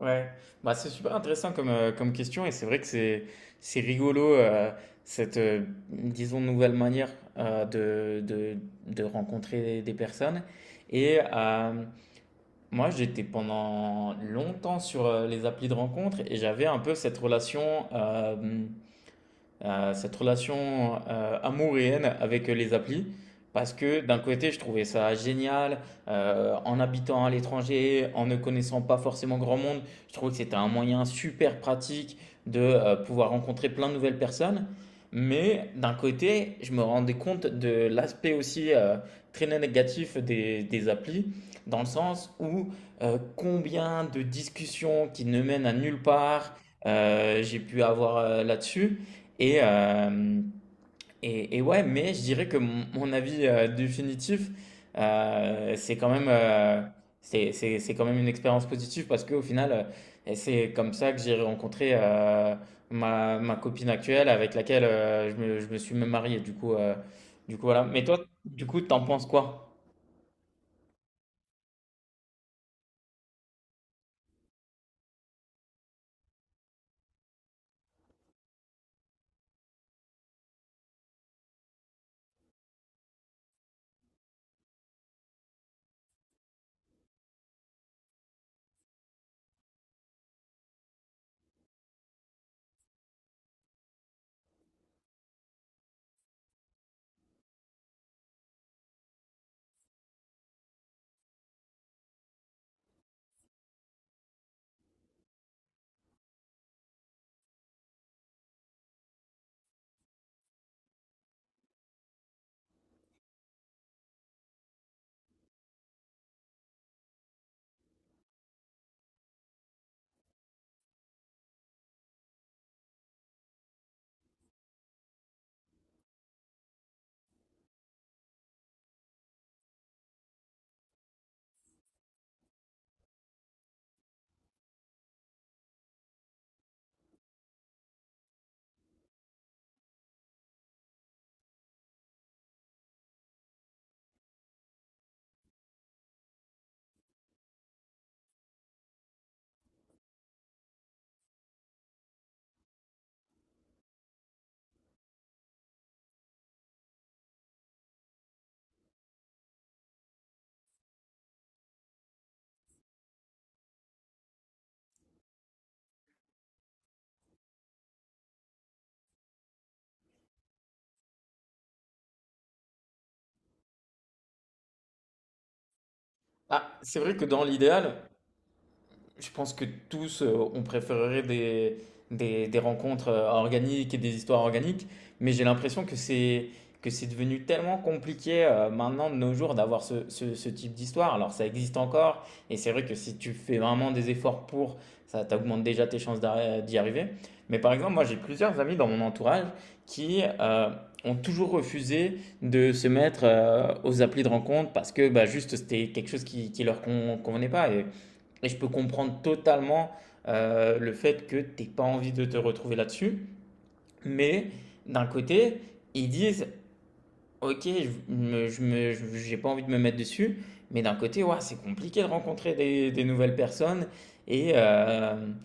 Ouais, bah, c'est super intéressant comme, comme question. Et c'est vrai que c'est rigolo, cette disons nouvelle manière euh, de, de, de rencontrer des personnes. Et moi j'étais pendant longtemps sur les applis de rencontre et j'avais un peu cette relation, amour et haine avec les applis. Parce que d'un côté, je trouvais ça génial, en habitant à l'étranger, en ne connaissant pas forcément grand monde, je trouvais que c'était un moyen super pratique de pouvoir rencontrer plein de nouvelles personnes. Mais d'un côté, je me rendais compte de l'aspect aussi, très négatif des applis, dans le sens où combien de discussions qui ne mènent à nulle part j'ai pu avoir là-dessus. Et, euh, et ouais, mais je dirais que mon avis, définitif, c'est quand même, c'est quand même une expérience positive parce qu'au final, et c'est comme ça que j'ai rencontré ma copine actuelle avec laquelle je me suis même marié. Du coup, voilà. Mais toi, du coup, t'en penses quoi? Ah, c'est vrai que dans l'idéal, je pense que tous, on préférerait des rencontres organiques et des histoires organiques, mais j'ai l'impression que c'est devenu tellement compliqué maintenant de nos jours d'avoir ce type d'histoire. Alors ça existe encore, et c'est vrai que si tu fais vraiment des efforts pour, ça t'augmente déjà tes chances d'y arriver. Mais par exemple, moi j'ai plusieurs amis dans mon entourage qui ont toujours refusé de se mettre aux applis de rencontre parce que bah, juste c'était quelque chose qui leur con- convenait pas. Et je peux comprendre totalement le fait que t'aies pas envie de te retrouver là-dessus. Mais d'un côté, ils disent OK, je me je me je j'ai pas envie de me mettre dessus, mais d'un côté, ouah, c'est compliqué de rencontrer des nouvelles personnes et hem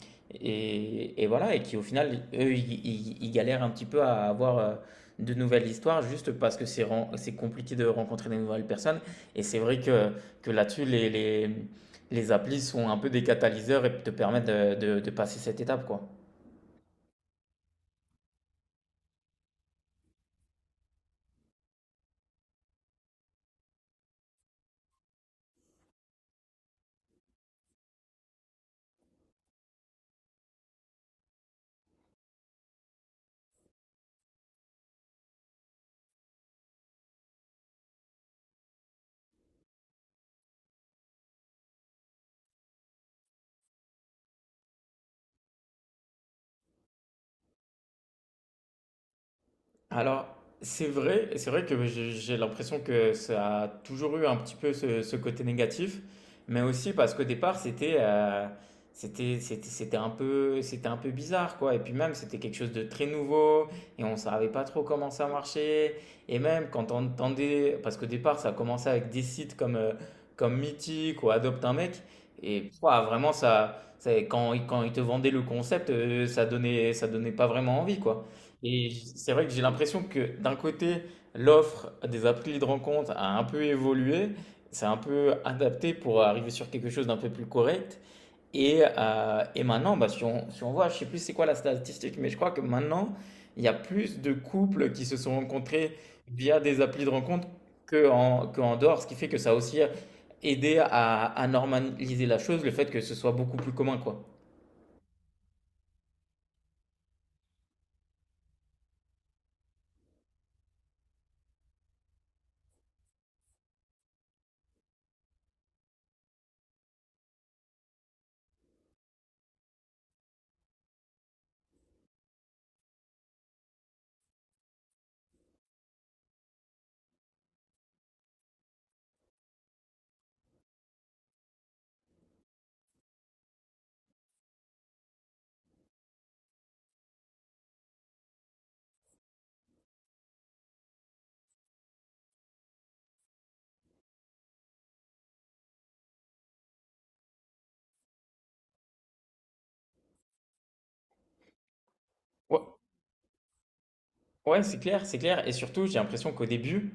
et voilà. Et qui au final, eux, ils galèrent un petit peu à avoir, de nouvelles histoires juste parce que c'est compliqué de rencontrer des nouvelles personnes. Et c'est vrai que là-dessus, les applis sont un peu des catalyseurs et te permettent de passer cette étape, quoi. Alors, c'est vrai que j'ai l'impression que ça a toujours eu un petit peu ce, ce côté négatif, mais aussi parce qu'au départ, c'était un peu bizarre quoi. Et puis même, c'était quelque chose de très nouveau et on savait pas trop comment ça marchait. Et même quand on entendait, parce qu'au départ, ça a commencé avec des sites comme comme Mythique ou Adopte un mec. Et ouah, vraiment, quand ils te vendaient le concept, ça donnait pas vraiment envie quoi. C'est vrai que j'ai l'impression que d'un côté, l'offre des applis de rencontre a un peu évolué, s'est un peu adapté pour arriver sur quelque chose d'un peu plus correct. Et maintenant, bah, si on voit, je sais plus c'est quoi la statistique, mais je crois que maintenant, il y a plus de couples qui se sont rencontrés via des applis de rencontre que en dehors, ce qui fait que ça a aussi aidé à normaliser la chose, le fait que ce soit beaucoup plus commun, quoi. Ouais, ouais, c'est clair, c'est clair. Et surtout, j'ai l'impression qu'au début,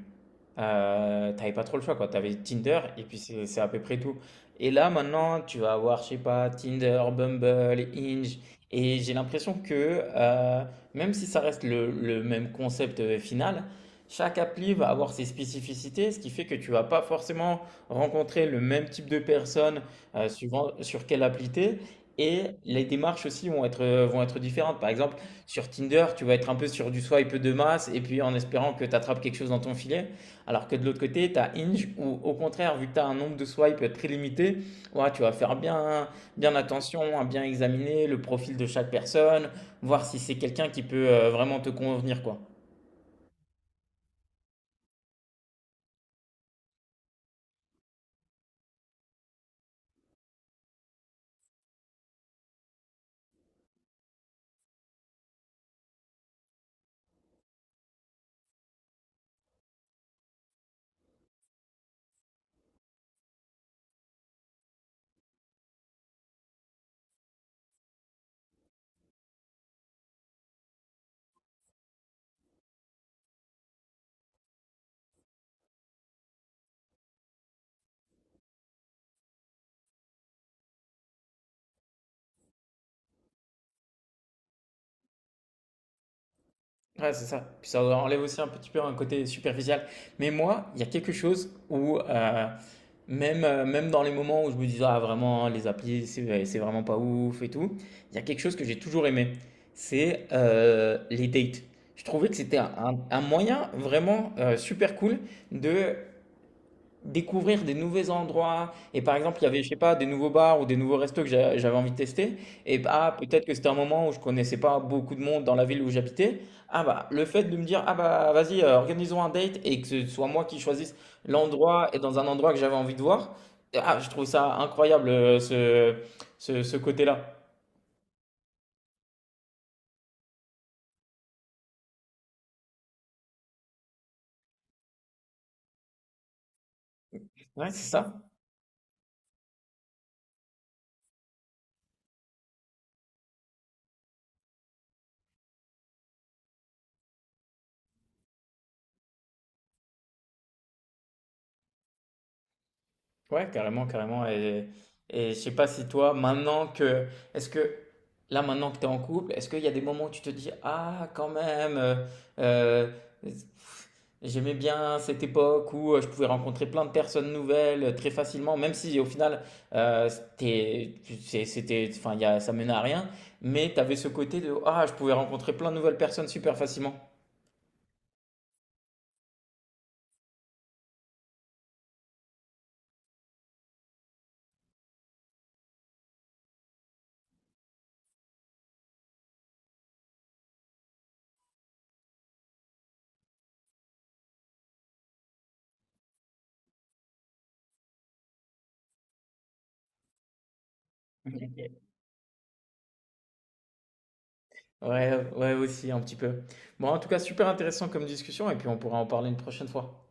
t'avais pas trop le choix, quoi. T'avais Tinder et puis c'est à peu près tout. Et là, maintenant, tu vas avoir, je sais pas, Tinder, Bumble, Hinge. Et j'ai l'impression que, euh, même si ça reste le même concept, final, chaque appli va avoir ses spécificités, ce qui fait que tu vas pas forcément rencontrer le même type de personnes, suivant sur quelle appli t'es. Et les démarches aussi vont être différentes. Par exemple, sur Tinder, tu vas être un peu sur du swipe de masse et puis en espérant que tu attrapes quelque chose dans ton filet. Alors que de l'autre côté, tu as Hinge où, au contraire, vu que tu as un nombre de swipes très limité, ouais, tu vas faire bien attention à bien examiner le profil de chaque personne, voir si c'est quelqu'un qui peut vraiment te convenir, quoi. Ouais, c'est ça. Puis ça enlève aussi un petit peu un côté superficiel. Mais moi, il y a quelque chose où même dans les moments où je me disais, ah vraiment, hein, les applis, c'est ouais, c'est vraiment pas ouf et tout, il y a quelque chose que j'ai toujours aimé, c'est les dates. Je trouvais que c'était un moyen vraiment super cool de découvrir des nouveaux endroits. Et par exemple, il y avait, je sais pas, des nouveaux bars ou des nouveaux restos que j'avais envie de tester. Et bah, peut-être que c'était un moment où je connaissais pas beaucoup de monde dans la ville où j'habitais. Ah bah, le fait de me dire, ah bah, vas-y, organisons un date et que ce soit moi qui choisisse l'endroit et dans un endroit que j'avais envie de voir. Ah, je trouve ça incroyable, ce côté-là. Ouais, c'est ça. Ouais, carrément, carrément. Et je sais pas si toi, maintenant que, est-ce que, là, maintenant que tu es en couple, est-ce qu'il y a des moments où tu te dis, ah, quand même, euh, j'aimais bien cette époque où je pouvais rencontrer plein de personnes nouvelles très facilement, même si au final, euh, c'était, c'était, enfin, ça menait à rien, mais tu avais ce côté de, ah, je pouvais rencontrer plein de nouvelles personnes super facilement. Ouais, ouais, aussi, un petit peu. Bon, en tout cas, super intéressant comme discussion, et puis on pourra en parler une prochaine fois.